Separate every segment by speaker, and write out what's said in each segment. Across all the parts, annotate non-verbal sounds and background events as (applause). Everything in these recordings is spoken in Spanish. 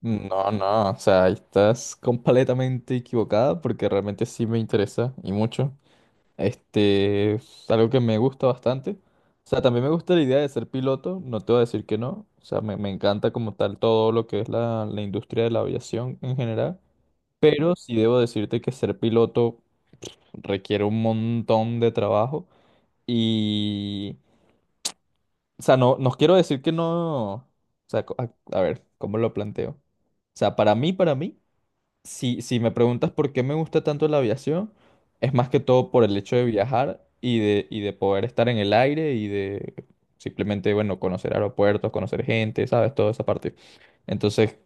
Speaker 1: No, no, o sea, estás completamente equivocada porque realmente sí me interesa y mucho. Este es algo que me gusta bastante. O sea, también me gusta la idea de ser piloto, no te voy a decir que no. O sea, me encanta como tal todo lo que es la industria de la aviación en general. Pero sí debo decirte que ser piloto requiere un montón de trabajo y... O sea, no quiero decir que no... O sea, a ver, ¿cómo lo planteo? O sea, para mí, para mí. Si me preguntas por qué me gusta tanto la aviación, es más que todo por el hecho de viajar y de poder estar en el aire y de simplemente, bueno, conocer aeropuertos, conocer gente, ¿sabes? Toda esa parte. Entonces,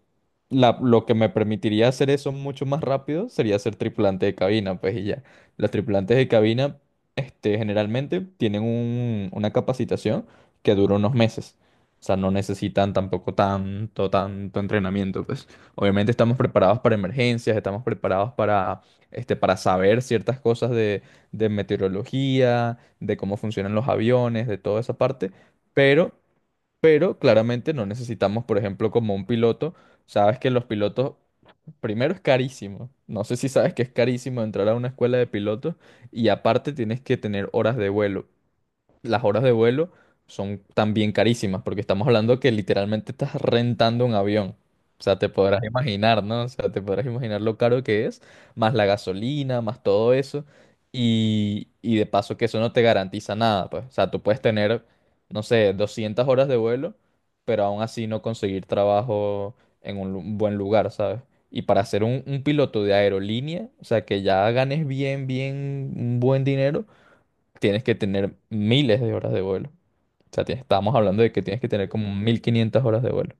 Speaker 1: lo que me permitiría hacer eso mucho más rápido sería ser tripulante de cabina, pues y ya. Los tripulantes de cabina, este, generalmente tienen una capacitación que dura unos meses. O sea, no necesitan tampoco tanto, tanto entrenamiento, pues. Obviamente estamos preparados para emergencias, estamos preparados para, este, para saber ciertas cosas de meteorología, de cómo funcionan los aviones, de toda esa parte, pero, pero claramente no necesitamos, por ejemplo, como un piloto, sabes que los pilotos, primero es carísimo, no sé si sabes que es carísimo entrar a una escuela de pilotos y aparte tienes que tener horas de vuelo las horas de vuelo son también carísimas, porque estamos hablando que literalmente estás rentando un avión. O sea, te podrás imaginar, ¿no? O sea, te podrás imaginar lo caro que es, más la gasolina, más todo eso. Y de paso que eso no te garantiza nada, pues. O sea, tú puedes tener, no sé, 200 horas de vuelo, pero aún así no conseguir trabajo en un buen lugar, ¿sabes? Y para ser un piloto de aerolínea, o sea, que ya ganes bien, bien, un buen dinero tienes que tener miles de horas de vuelo. O sea, tienes- estábamos hablando de que tienes que tener como 1500 horas de vuelo.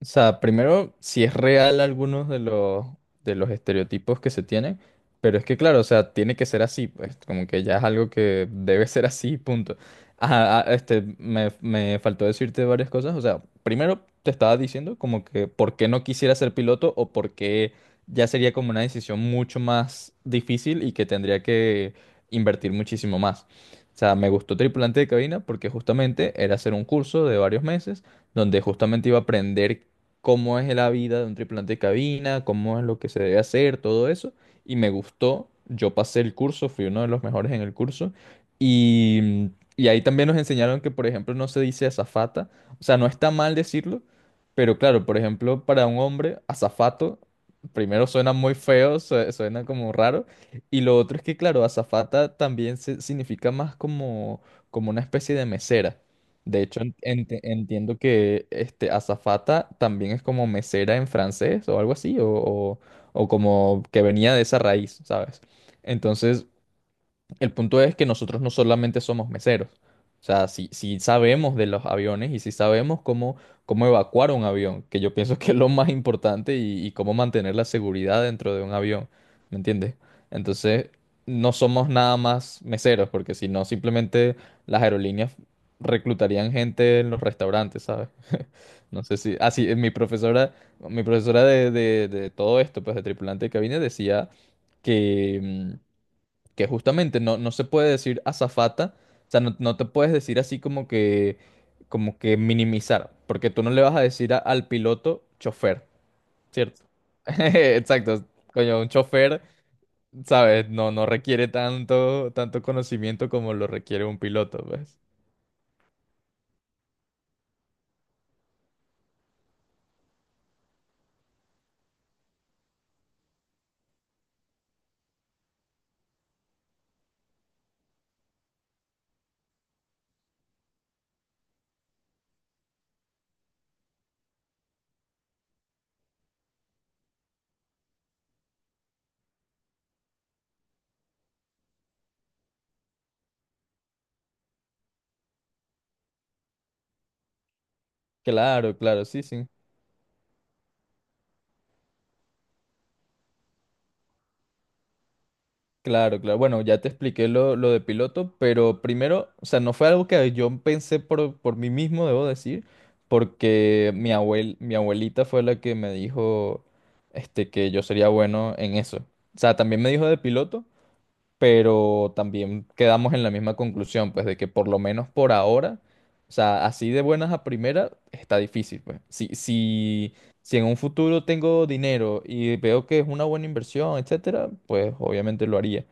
Speaker 1: O sea, primero, si es real algunos de los estereotipos que se tienen, pero es que claro, o sea, tiene que ser así, pues como que ya es algo que debe ser así, punto. Ajá, ah, este, me faltó decirte varias cosas, o sea, primero te estaba diciendo como que por qué no quisiera ser piloto o por qué ya sería como una decisión mucho más difícil y que tendría que invertir muchísimo más. O sea, me gustó tripulante de cabina porque justamente era hacer un curso de varios meses donde justamente iba a aprender cómo es la vida de un tripulante de cabina, cómo es lo que se debe hacer, todo eso. Y me gustó, yo pasé el curso, fui uno de los mejores en el curso. Y, y ahí también nos enseñaron que, por ejemplo, no se dice azafata. O sea, no está mal decirlo, pero claro, por ejemplo, para un hombre, azafato, primero suena muy feo, suena como raro. Y lo otro es que, claro, azafata también significa más como, como una especie de mesera. De hecho, entiendo que este azafata también es como mesera en francés o algo así, o como que venía de esa raíz, ¿sabes? Entonces, el punto es que nosotros no solamente somos meseros. O sea, si sabemos de los aviones y si sabemos cómo, evacuar un avión, que yo pienso que es lo más importante y cómo mantener la seguridad dentro de un avión, ¿me entiendes? Entonces, no somos nada más meseros, porque si no, simplemente las aerolíneas reclutarían gente en los restaurantes, ¿sabes? No sé si... Ah, sí, mi profesora de todo esto, pues de tripulante de cabina, decía que... mm, que justamente no se puede decir azafata, o sea, no te puedes decir así como que minimizar, porque tú no le vas a decir al piloto chofer, ¿cierto? (laughs) Exacto, coño, un chofer, ¿sabes? No, no requiere tanto, tanto conocimiento como lo requiere un piloto, pues. Claro, claro, sí, sí. Claro, claro. Bueno, ya te expliqué lo de piloto, pero primero, o sea, no fue algo que yo pensé por mí mismo, debo decir, porque mi abuelita fue la que me dijo, este, que yo sería bueno en eso. O sea, también me dijo de piloto, pero también quedamos en la misma conclusión, pues, de que por lo menos por ahora, o sea, así de buenas a primera, está difícil, pues. Si, si en un futuro tengo dinero y veo que es una buena inversión, etcétera, pues obviamente lo haría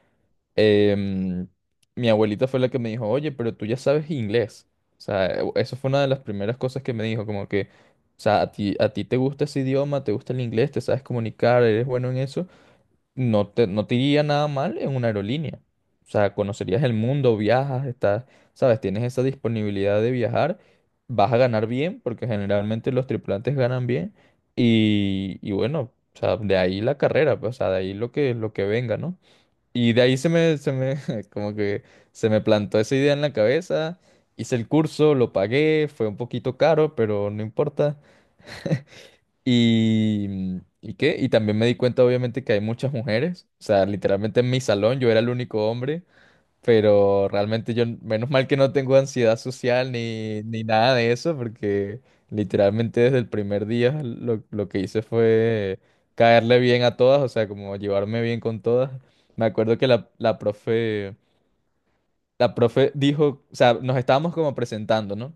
Speaker 1: em, mi abuelita fue la que me dijo, oye, pero tú ya sabes inglés. O sea, eso fue una de las primeras cosas que me dijo, como que, o sea, a ti te gusta ese idioma, te gusta el inglés, te sabes comunicar, eres bueno en eso, no te iría nada mal en una aerolínea. O sea, conocerías el mundo, viajas, estás, sabes, tienes esa disponibilidad de viajar, vas a ganar bien, porque generalmente los tripulantes ganan bien, y bueno, o sea, de ahí la carrera, pues, o sea, de ahí lo que venga, ¿no? Y de ahí se me, (laughs) como que se me plantó esa idea en la cabeza. Hice el curso, lo pagué, fue un poquito caro, pero no importa. Y, ¿y qué? Y también me di cuenta, obviamente, que hay muchas mujeres. O sea, literalmente en mi salón yo era el único hombre. Pero realmente yo, menos mal que no tengo ansiedad social ni, ni nada de eso, porque literalmente desde el primer día lo que hice fue caerle bien a todas, o sea, como llevarme bien con todas. Me acuerdo que la profe dijo, o sea, nos estábamos como presentando, ¿no?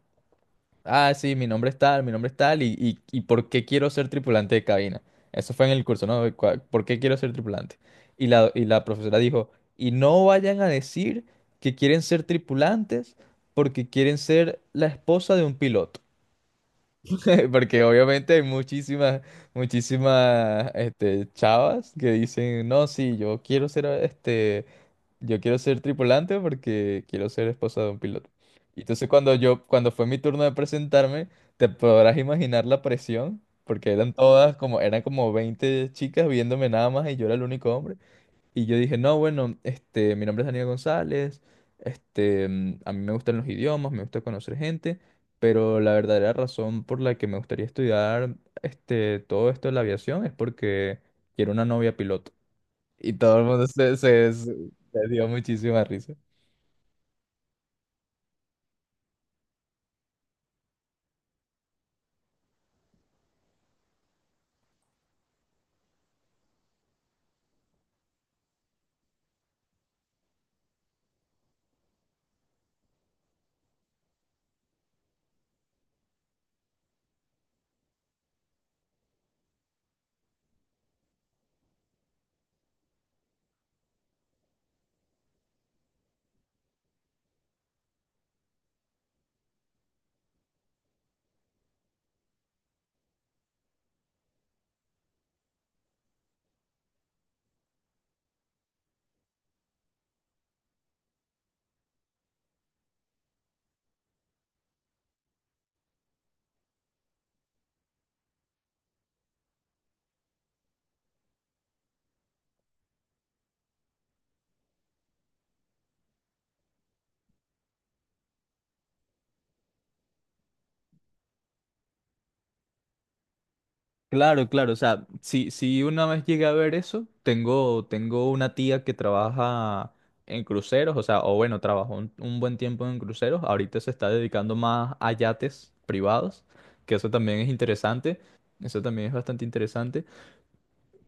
Speaker 1: Ah, sí, mi nombre es tal, mi nombre es tal, y por qué quiero ser tripulante de cabina. Eso fue en el curso, ¿no? ¿Por qué quiero ser tripulante? Y la profesora dijo, y no vayan a decir que quieren ser tripulantes porque quieren ser la esposa de un piloto. (laughs) Porque obviamente hay muchísimas, muchísimas, este, chavas que dicen, no, sí, yo quiero ser, este, yo quiero ser tripulante porque quiero ser esposa de un piloto. Y entonces cuando yo, cuando fue mi turno de presentarme, te podrás imaginar la presión, porque eran todas como, eran como 20 chicas viéndome nada más y yo era el único hombre. Y yo dije, no, bueno, este, mi nombre es Daniel González, este, mm, a mí me gustan los idiomas, me gusta conocer gente, pero la verdadera razón por la que me gustaría estudiar, este, todo esto de la aviación es porque quiero una novia piloto. Y todo el mundo se dio muchísima risa. Claro, claro, o sea, si una vez llegué a ver eso, tengo una tía que trabaja en cruceros, o sea, o bueno, trabajó un buen tiempo en cruceros, ahorita se está dedicando más a yates privados, que eso también es interesante, eso también es bastante interesante,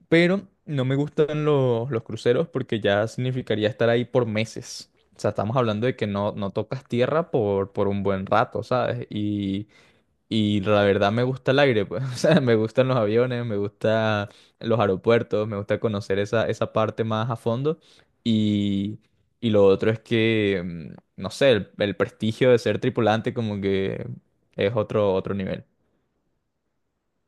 Speaker 1: pero no me gustan los cruceros porque ya significaría estar ahí por meses, o sea, estamos hablando de que no tocas tierra por un buen rato, ¿sabes? Y la verdad me gusta el aire, pues. (laughs) O sea, me gustan los aviones, me gusta los aeropuertos, me gusta conocer esa, esa parte más a fondo. Y, y lo otro es que, no sé, el prestigio de ser tripulante como que es otro, otro nivel.